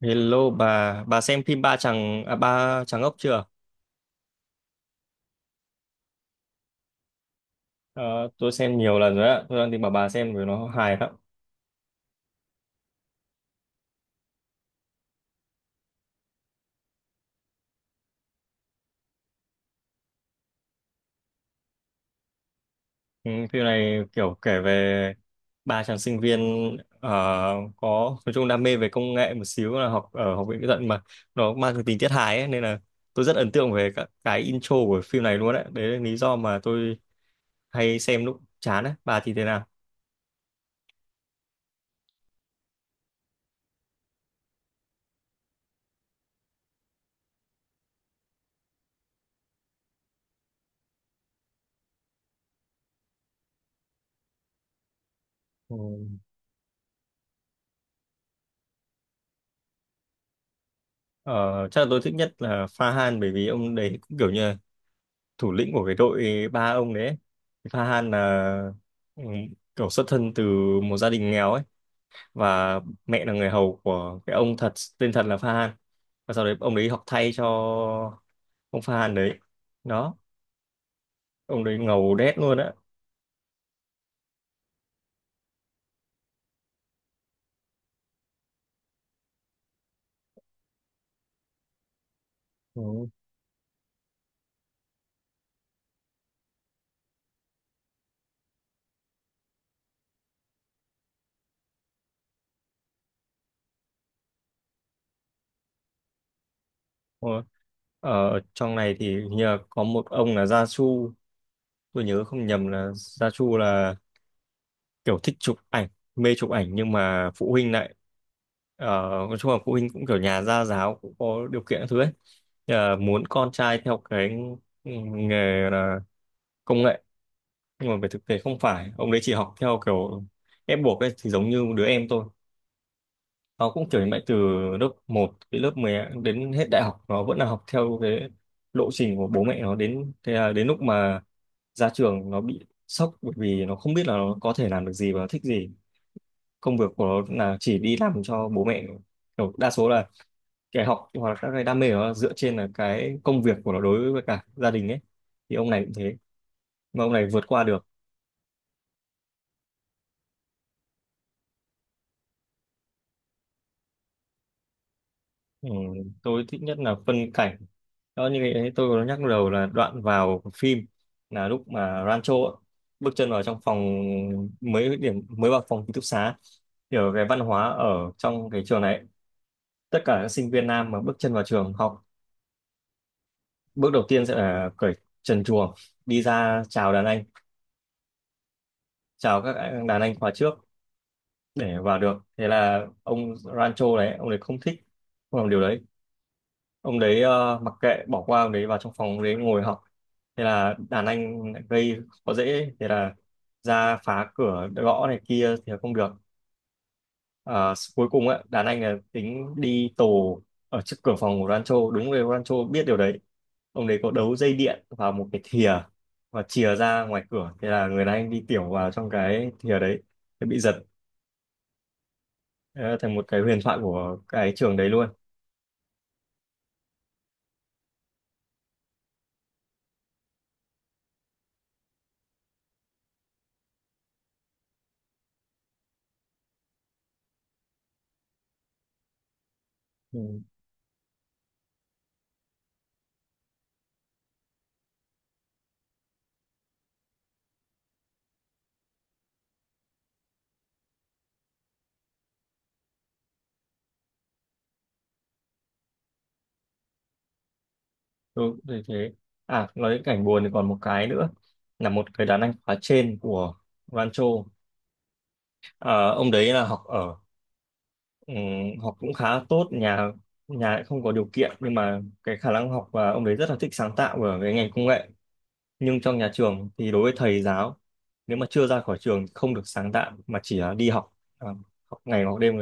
Hello bà xem phim Ba Chàng Ốc chưa? Ờ, tôi xem nhiều lần rồi ạ. Tôi đang tìm bảo bà xem vì nó hài lắm. Ừ, phim này kiểu kể về ba chàng sinh viên ờ, có nói chung đam mê về công nghệ một xíu là học ở học viện kỹ thuật mà nó mang cái tính tiết hài ấy, nên là tôi rất ấn tượng về các cái intro của phim này luôn đấy. Đấy là lý do mà tôi hay xem lúc chán ấy. Bà thì thế nào? Ừ. Ờ, chắc là tôi thích nhất là Pha Han bởi vì ông đấy cũng kiểu như là thủ lĩnh của cái đội ba ông đấy ấy. Farhan là ừ, kiểu xuất thân từ một gia đình nghèo ấy, và mẹ là người hầu của cái ông thật, tên thật là Farhan, và sau đấy ông đấy học thay cho ông Farhan đấy. Đó, ông đấy ngầu đét luôn á. Ừ. Ừ. Ở trong này thì hình như là có một ông là Gia Chu, tôi nhớ không nhầm là Gia Chu là kiểu thích chụp ảnh, mê chụp ảnh, nhưng mà phụ huynh lại ờ, nói chung là phụ huynh cũng kiểu nhà gia giáo, cũng có điều kiện các thứ ấy. Muốn con trai theo cái nghề là công nghệ, nhưng mà về thực tế không phải ông đấy chỉ học theo kiểu ép buộc ấy. Thì giống như đứa em tôi, nó cũng kiểu như vậy, từ lớp 1, đến lớp 10, đến hết đại học nó vẫn là học theo cái lộ trình của bố mẹ nó. Đến thế là đến lúc mà ra trường nó bị sốc bởi vì nó không biết là nó có thể làm được gì và nó thích gì. Công việc của nó là chỉ đi làm cho bố mẹ, kiểu đa số là cái học hoặc là các cái đam mê của nó dựa trên là cái công việc của nó đối với cả gia đình ấy. Thì ông này cũng thế, mà ông này vượt qua được. Ừ, tôi thích nhất là phân cảnh đó, như cái tôi có nhắc đầu, là đoạn vào phim, là lúc mà Rancho ấy, bước chân vào trong phòng, mới vào phòng ký túc xá. Thì ở cái văn hóa ở trong cái trường này ấy, tất cả các sinh viên nam mà bước chân vào trường học, bước đầu tiên sẽ là cởi trần truồng đi ra chào đàn anh, chào đàn anh khóa trước để vào được. Thế là ông Rancho đấy, ông đấy không thích, không làm điều đấy. Ông đấy mặc kệ, bỏ qua, ông đấy vào trong phòng ông đấy ngồi học. Thế là đàn anh lại gây khó dễ, thế là ra phá cửa, gõ này kia thì không được. Ờ, cuối cùng á, đàn anh là tính đi tù ở trước cửa phòng của Rancho, đúng rồi, Rancho biết điều đấy, ông đấy có đấu dây điện vào một cái thìa và chìa ra ngoài cửa, thế là người đàn anh đi tiểu vào trong cái thìa đấy. Thế bị giật. Đấy là thành một cái huyền thoại của cái trường đấy luôn. Ừ, đúng thế thế. À, nói đến cảnh buồn thì còn một cái nữa, là một cái đàn anh khóa trên của Rancho. Ông đấy là học ở ừ, học cũng khá tốt, nhà nhà lại không có điều kiện, nhưng mà cái khả năng học, và ông đấy rất là thích sáng tạo ở cái ngành công nghệ. Nhưng trong nhà trường thì đối với thầy giáo, nếu mà chưa ra khỏi trường thì không được sáng tạo, mà chỉ là đi học, à, học ngày học đêm.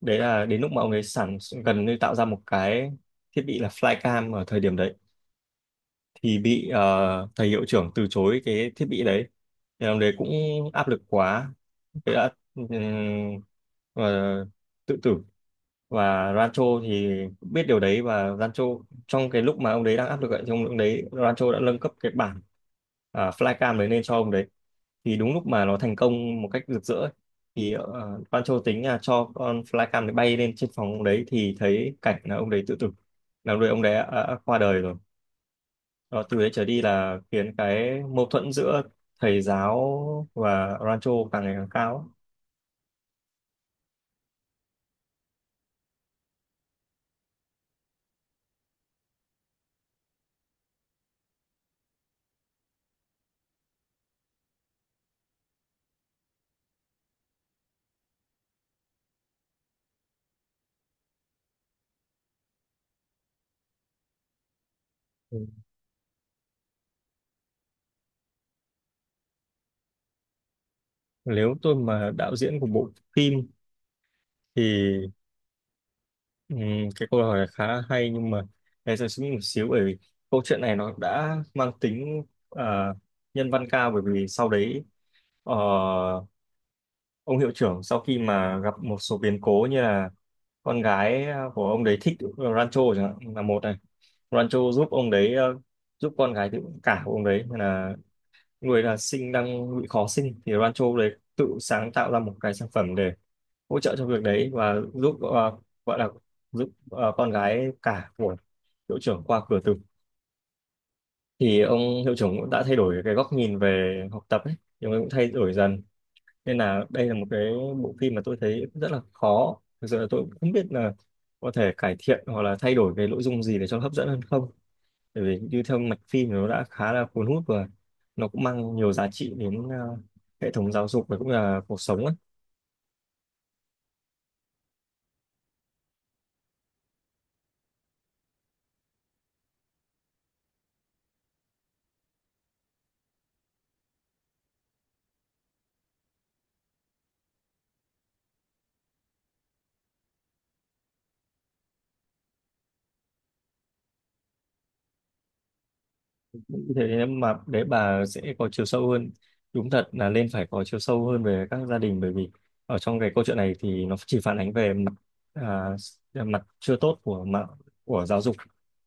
Đấy là đến lúc mà ông ấy gần như tạo ra một cái thiết bị là flycam ở thời điểm đấy, thì bị thầy hiệu trưởng từ chối cái thiết bị đấy. Thì ông đấy cũng áp lực quá, thế đã ừm, ờ, tự tử. Và Rancho thì biết điều đấy, và Rancho, trong cái lúc mà ông đấy đang áp lực ấy, thì ông lúc đấy Rancho đã nâng cấp cái bản, flycam đấy lên cho ông đấy. Thì đúng lúc mà nó thành công một cách rực rỡ ấy, thì Rancho tính là cho con flycam đấy bay lên trên phòng ông đấy, thì thấy cảnh là ông đấy tự tử, là lúc đấy ông đấy đã qua đời rồi. Đó, từ đấy trở đi là khiến cái mâu thuẫn giữa thầy giáo và Rancho càng ngày càng cao. Ừ. Nếu tôi mà đạo diễn của bộ phim thì Ừ, cái câu hỏi này khá là hay, nhưng mà em sẽ suy nghĩ một xíu, bởi vì câu chuyện này nó đã mang tính ờ, nhân văn cao. Bởi vì sau đấy ờ, ông hiệu trưởng, sau khi mà gặp một số biến cố như là con gái của ông đấy thích Rancho chẳng hạn, là một này, Rancho giúp ông đấy, giúp con gái tự cả của ông đấy, nên là người là sinh đang bị khó sinh, thì Rancho đấy tự sáng tạo ra một cái sản phẩm để hỗ trợ trong việc đấy, và giúp, gọi là giúp con gái cả của hiệu trưởng qua cửa tử. Thì ông hiệu trưởng cũng đã thay đổi cái góc nhìn về học tập ấy, thì ông ấy cũng thay đổi dần. Nên là đây là một cái bộ phim mà tôi thấy rất là khó, thực sự là tôi cũng không biết là có thể cải thiện hoặc là thay đổi cái nội dung gì để cho nó hấp dẫn hơn không, bởi vì như theo mạch phim thì nó đã khá là cuốn hút, và nó cũng mang nhiều giá trị đến hệ thống giáo dục và cũng là cuộc sống. Thế mà để bà sẽ có chiều sâu hơn, đúng thật là nên phải có chiều sâu hơn về các gia đình, bởi vì ở trong cái câu chuyện này thì nó chỉ phản ánh về mặt, mặt chưa tốt của giáo dục,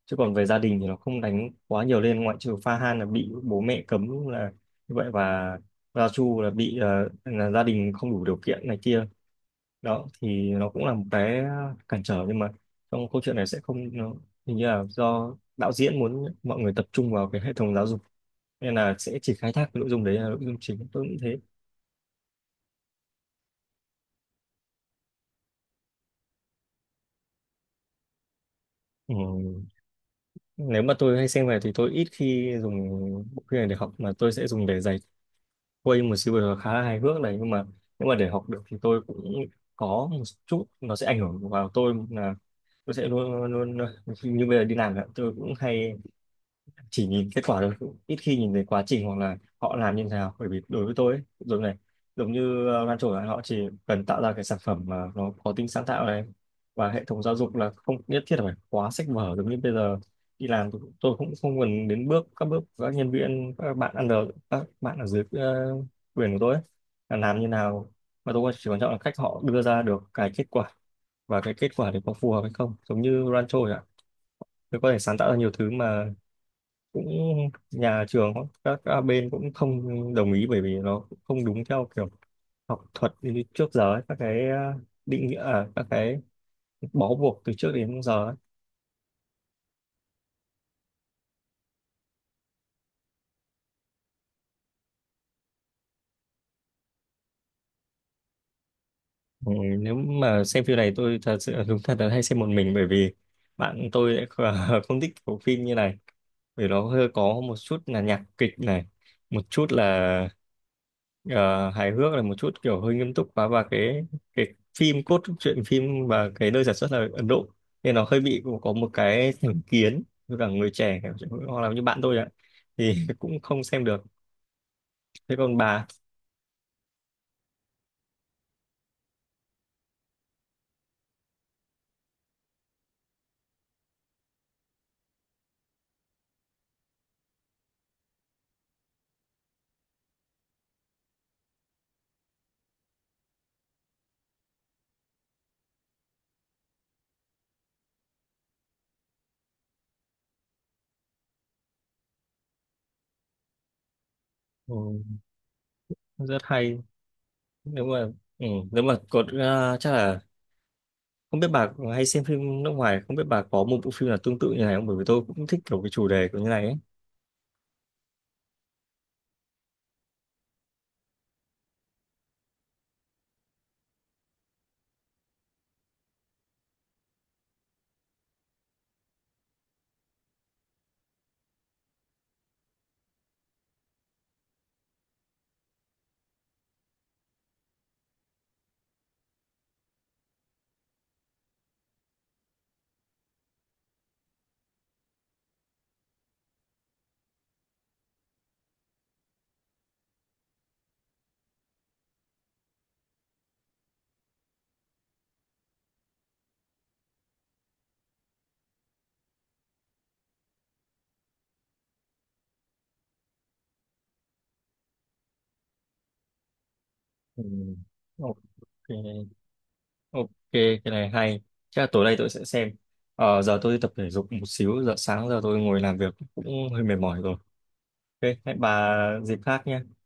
chứ còn về gia đình thì nó không đánh quá nhiều lên, ngoại trừ Pha Han là bị bố mẹ cấm là như vậy, và Gia Chu là bị, là gia đình không đủ điều kiện này kia. Đó, thì nó cũng là một cái cản trở, nhưng mà trong câu chuyện này sẽ không hình như là do đạo diễn muốn mọi người tập trung vào cái hệ thống giáo dục, nên là sẽ chỉ khai thác cái nội dung đấy, là nội dung chính, tôi nghĩ thế. Ừ. Nếu mà tôi hay xem về thì tôi ít khi dùng bộ phim này để học, mà tôi sẽ dùng để giải khuây một siêu, vừa khá là hài hước này. Nhưng mà nếu mà để học được thì tôi cũng có một chút nó sẽ ảnh hưởng vào tôi, là tôi sẽ luôn luôn, như bây giờ đi làm ạ, tôi cũng hay chỉ nhìn kết quả thôi, cũng ít khi nhìn thấy quá trình hoặc là họ làm như thế nào, bởi vì đối với tôi ấy, giống như Lan Trổ, là họ chỉ cần tạo ra cái sản phẩm mà nó có tính sáng tạo này, và hệ thống giáo dục là không nhất thiết là phải quá sách vở giống như bây giờ. Đi làm tôi cũng không cần đến các bước, các nhân viên, các bạn ăn được, các bạn ở dưới quyền của tôi ấy, là làm như nào, mà tôi chỉ quan trọng là cách họ đưa ra được cái kết quả, và cái kết quả đấy có phù hợp hay không, giống như Rancho ạ. Tôi có thể sáng tạo ra nhiều thứ mà cũng, nhà trường, các bên cũng không đồng ý, bởi vì nó cũng không đúng theo kiểu học thuật như trước giờ ấy, các cái định nghĩa, các cái bó buộc từ trước đến giờ ấy. Ừ, nếu mà xem phim này tôi thật sự đúng thật là hay xem một mình, bởi vì bạn tôi lại không thích bộ phim như này, bởi nó hơi có một chút là nhạc kịch này, một chút là ờ, hài hước, là một chút kiểu hơi nghiêm túc quá, và cái, cái phim, cốt truyện phim và cái nơi sản xuất là Ấn Độ, nên nó hơi bị có một cái thành kiến với cả người trẻ hoặc là như bạn tôi ạ, thì cũng không xem được. Thế còn bà? Ừ, rất hay. Nếu mà nếu mà có chắc là, không biết bà hay xem phim nước ngoài, không biết bà có một bộ phim nào tương tự như này không? Bởi vì tôi cũng thích kiểu cái chủ đề của như này ấy. Ừ. Ok, ok, cái này hay. Chắc là tối nay tôi sẽ xem. Giờ tôi đi tập thể dục một xíu, giờ sáng giờ tôi ngồi làm việc cũng hơi mệt mỏi rồi. Ok, hẹn bà dịp khác nhé.